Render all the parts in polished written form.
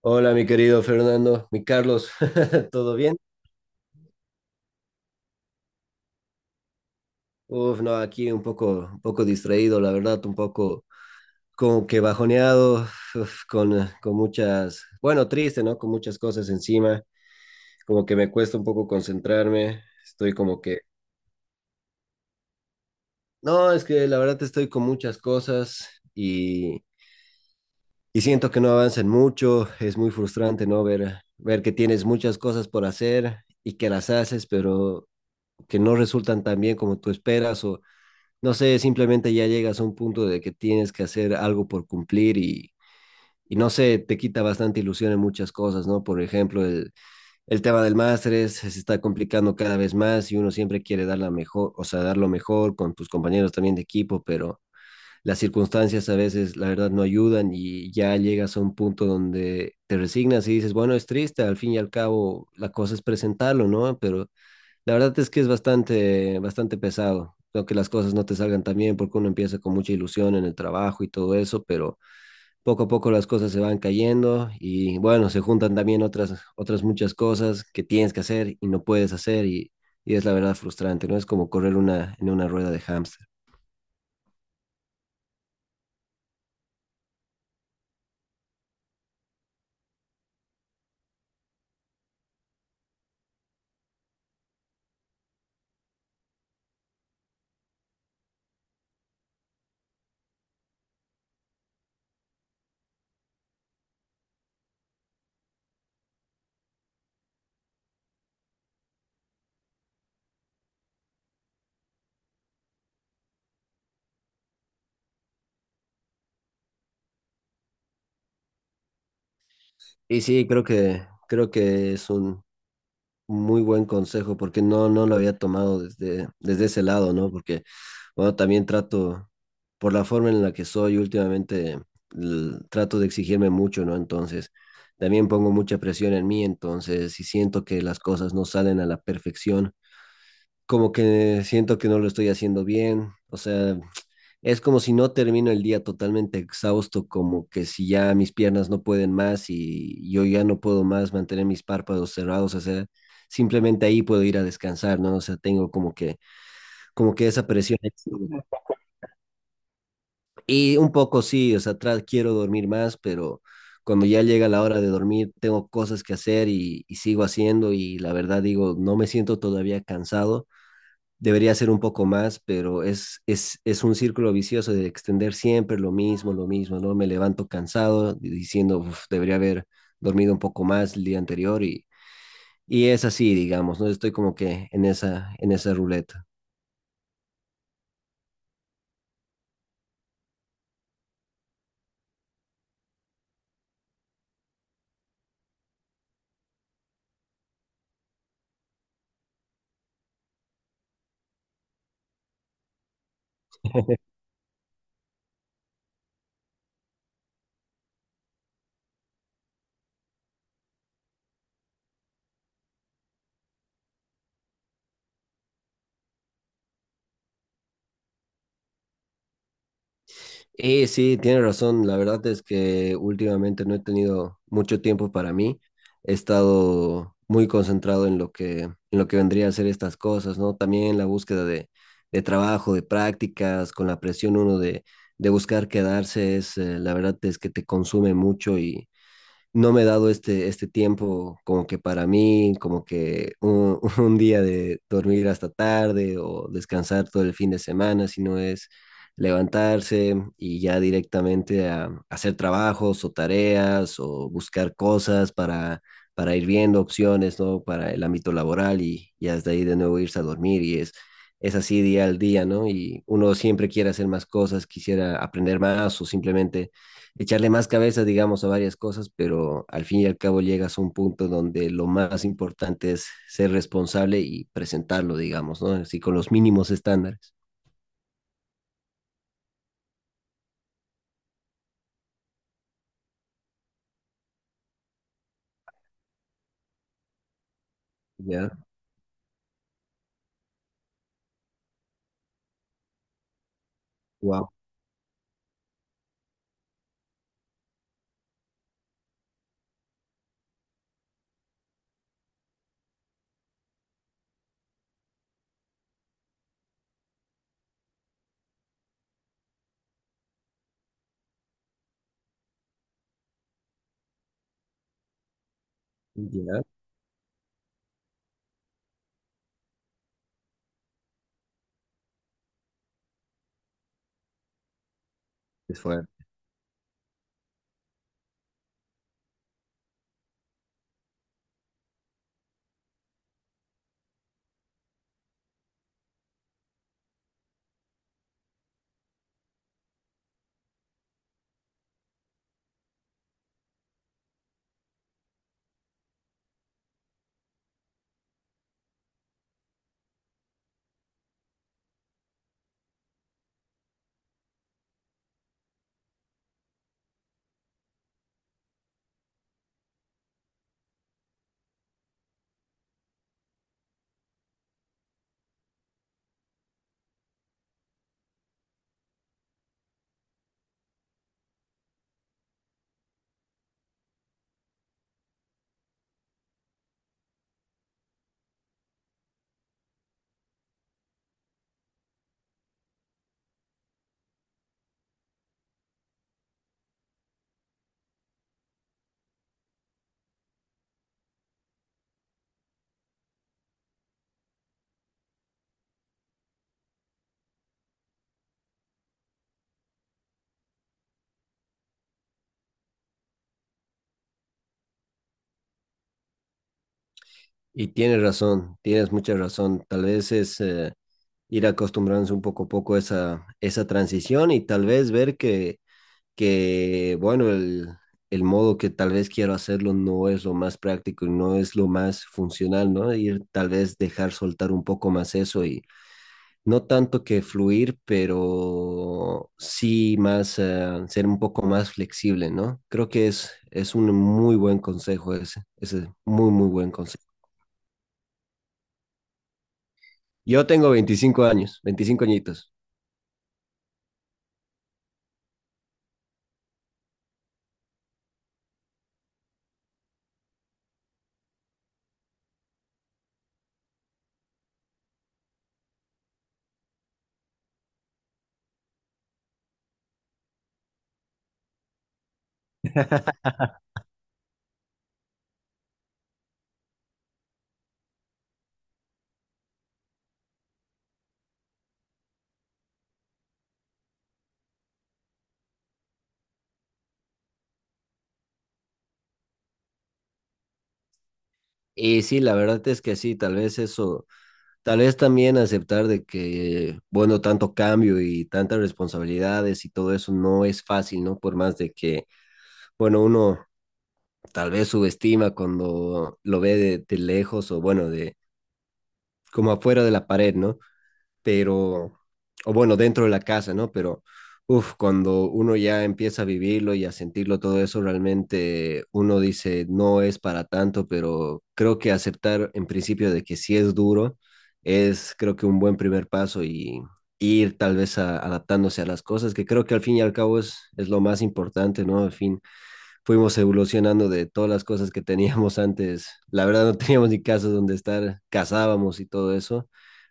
Hola, mi querido Fernando, mi Carlos, ¿todo bien? Uf, no, aquí un poco distraído, la verdad, un poco como que bajoneado, uf, con muchas, bueno, triste, ¿no? Con muchas cosas encima, como que me cuesta un poco concentrarme, estoy como que, no, es que la verdad estoy con muchas cosas y, y siento que no avanzan mucho, es muy frustrante, ¿no? Ver, ver que tienes muchas cosas por hacer y que las haces, pero que no resultan tan bien como tú esperas o no sé, simplemente ya llegas a un punto de que tienes que hacer algo por cumplir y no sé, te quita bastante ilusión en muchas cosas, ¿no? Por ejemplo, el tema del máster se está complicando cada vez más y uno siempre quiere dar la mejor, o sea, dar lo mejor con tus compañeros también de equipo, pero las circunstancias a veces, la verdad, no ayudan y ya llegas a un punto donde te resignas y dices, bueno, es triste, al fin y al cabo la cosa es presentarlo, ¿no? Pero la verdad es que es bastante, bastante pesado. Creo que las cosas no te salgan tan bien porque uno empieza con mucha ilusión en el trabajo y todo eso, pero poco a poco las cosas se van cayendo y bueno, se juntan también otras, otras muchas cosas que tienes que hacer y no puedes hacer y es la verdad frustrante, ¿no? Es como correr una, en una rueda de hámster. Y sí, creo que es un, muy buen consejo, porque no, no lo había tomado desde, desde ese lado, ¿no? Porque, bueno, también trato, por la forma en la que soy últimamente, trato de exigirme mucho, ¿no? Entonces, también pongo mucha presión en mí, entonces, si siento que las cosas no salen a la perfección, como que siento que no lo estoy haciendo bien, o sea, es como si no termino el día totalmente exhausto, como que si ya mis piernas no pueden más y yo ya no puedo más mantener mis párpados cerrados, o sea, simplemente ahí puedo ir a descansar, ¿no? O sea, tengo como que esa presión. Y un poco sí, o sea, atrás quiero dormir más, pero cuando ya llega la hora de dormir, tengo cosas que hacer y sigo haciendo y la verdad digo, no me siento todavía cansado, debería ser un poco más, pero es un círculo vicioso de extender siempre lo mismo, ¿no? Me levanto cansado diciendo, uf, debería haber dormido un poco más el día anterior y es así, digamos, ¿no? Estoy como que en esa ruleta. Y sí, tiene razón. La verdad es que últimamente no he tenido mucho tiempo para mí. He estado muy concentrado en lo que vendría a ser estas cosas, ¿no? También la búsqueda de trabajo, de prácticas, con la presión uno de buscar quedarse, es, la verdad es que te consume mucho y, no me he dado este, este tiempo como que para mí, como que un, un día de dormir hasta tarde o descansar todo el fin de semana, sino es levantarse y ya directamente a, hacer trabajos o tareas o buscar cosas para ir viendo opciones, ¿no? Para el ámbito laboral y ya desde ahí de nuevo irse a dormir y es así día al día, ¿no? Y uno siempre quiere hacer más cosas, quisiera aprender más o simplemente echarle más cabeza, digamos, a varias cosas, pero al fin y al cabo llegas a un punto donde lo más importante es ser responsable y presentarlo, digamos, ¿no? Así con los mínimos estándares. Ya, wow, ya, es fuerte. Y tienes razón, tienes mucha razón. Tal vez es ir acostumbrándose un poco a poco a esa, esa transición y tal vez ver que, bueno, el modo que tal vez quiero hacerlo no es lo más práctico y no es lo más funcional, ¿no? Ir tal vez dejar soltar un poco más eso y no tanto que fluir, pero sí más ser un poco más flexible, ¿no? Creo que es un muy buen consejo ese, ese muy, muy buen consejo. Yo tengo 25 años, 25 añitos. Y sí, la verdad es que sí, tal vez eso, tal vez también aceptar de que, bueno, tanto cambio y tantas responsabilidades y todo eso no es fácil, ¿no? Por más de que, bueno, uno tal vez subestima cuando lo ve de lejos o, bueno, de como afuera de la pared, ¿no? Pero, o bueno, dentro de la casa, ¿no? Pero, uff, cuando uno ya empieza a vivirlo y a sentirlo todo eso, realmente uno dice, no es para tanto, pero creo que aceptar en principio de que sí es duro es, creo que un buen primer paso y ir tal vez adaptándose a las cosas, que creo que al fin y al cabo es lo más importante, ¿no? Al fin fuimos evolucionando de todas las cosas que teníamos antes. La verdad no teníamos ni casas donde estar, cazábamos y todo eso,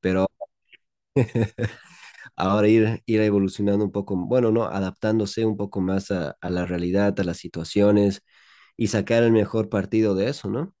pero ahora ir, ir evolucionando un poco, bueno, ¿no? Adaptándose un poco más a la realidad, a las situaciones y sacar el mejor partido de eso, ¿no?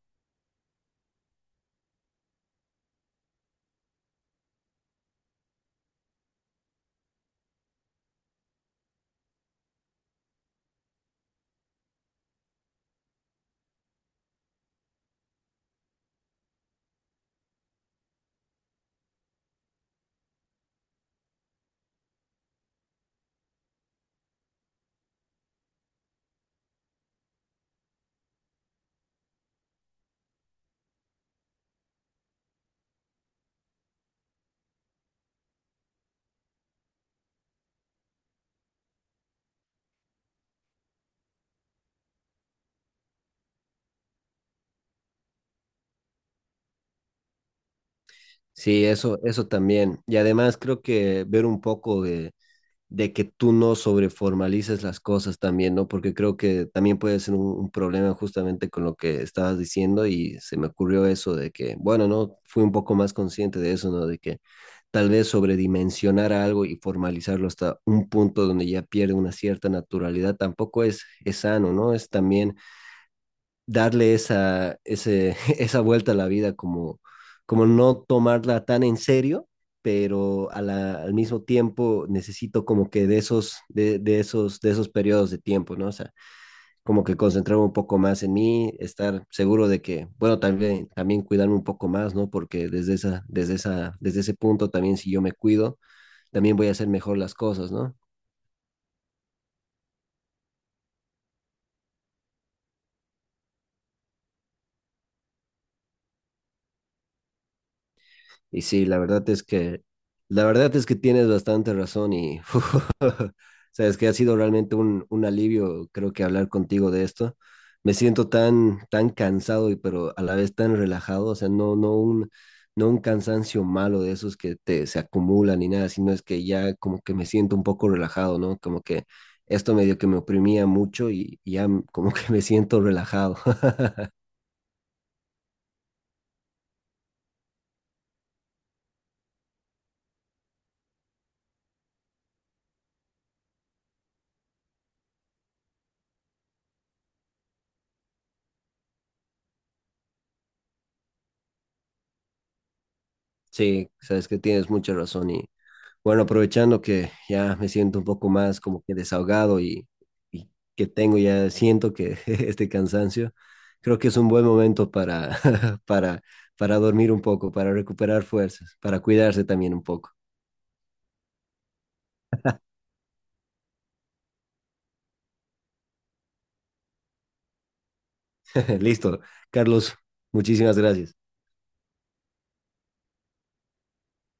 Sí, eso también. Y además creo que ver un poco de que tú no sobreformalices las cosas también, ¿no? Porque creo que también puede ser un problema justamente con lo que estabas diciendo y se me ocurrió eso de que, bueno, no, fui un poco más consciente de eso, ¿no? De que tal vez sobredimensionar algo y formalizarlo hasta un punto donde ya pierde una cierta naturalidad tampoco es, es sano, ¿no? Es también darle esa, ese, esa vuelta a la vida, como, como no tomarla tan en serio, pero a al mismo tiempo necesito como que de esos periodos de tiempo, ¿no? O sea, como que concentrarme un poco más en mí, estar seguro de que, bueno, también, también cuidarme un poco más, ¿no? Porque desde esa, desde esa, desde ese punto también si yo me cuido, también voy a hacer mejor las cosas, ¿no? Y sí, la verdad es que, la verdad es que tienes bastante razón y sabes que ha sido realmente un alivio, creo que hablar contigo de esto. Me siento tan, tan cansado y pero a la vez tan relajado, o sea, no, no un, no un cansancio malo de esos que te, se acumulan ni nada, sino es que ya como que me siento un poco relajado, ¿no? Como que esto medio que me oprimía mucho y ya como que me siento relajado. Sí, sabes que tienes mucha razón y bueno, aprovechando que ya me siento un poco más como que desahogado y que tengo ya, siento que este cansancio, creo que es un buen momento para, para, para dormir un poco, para recuperar fuerzas, para cuidarse también un poco. Listo, Carlos, muchísimas gracias.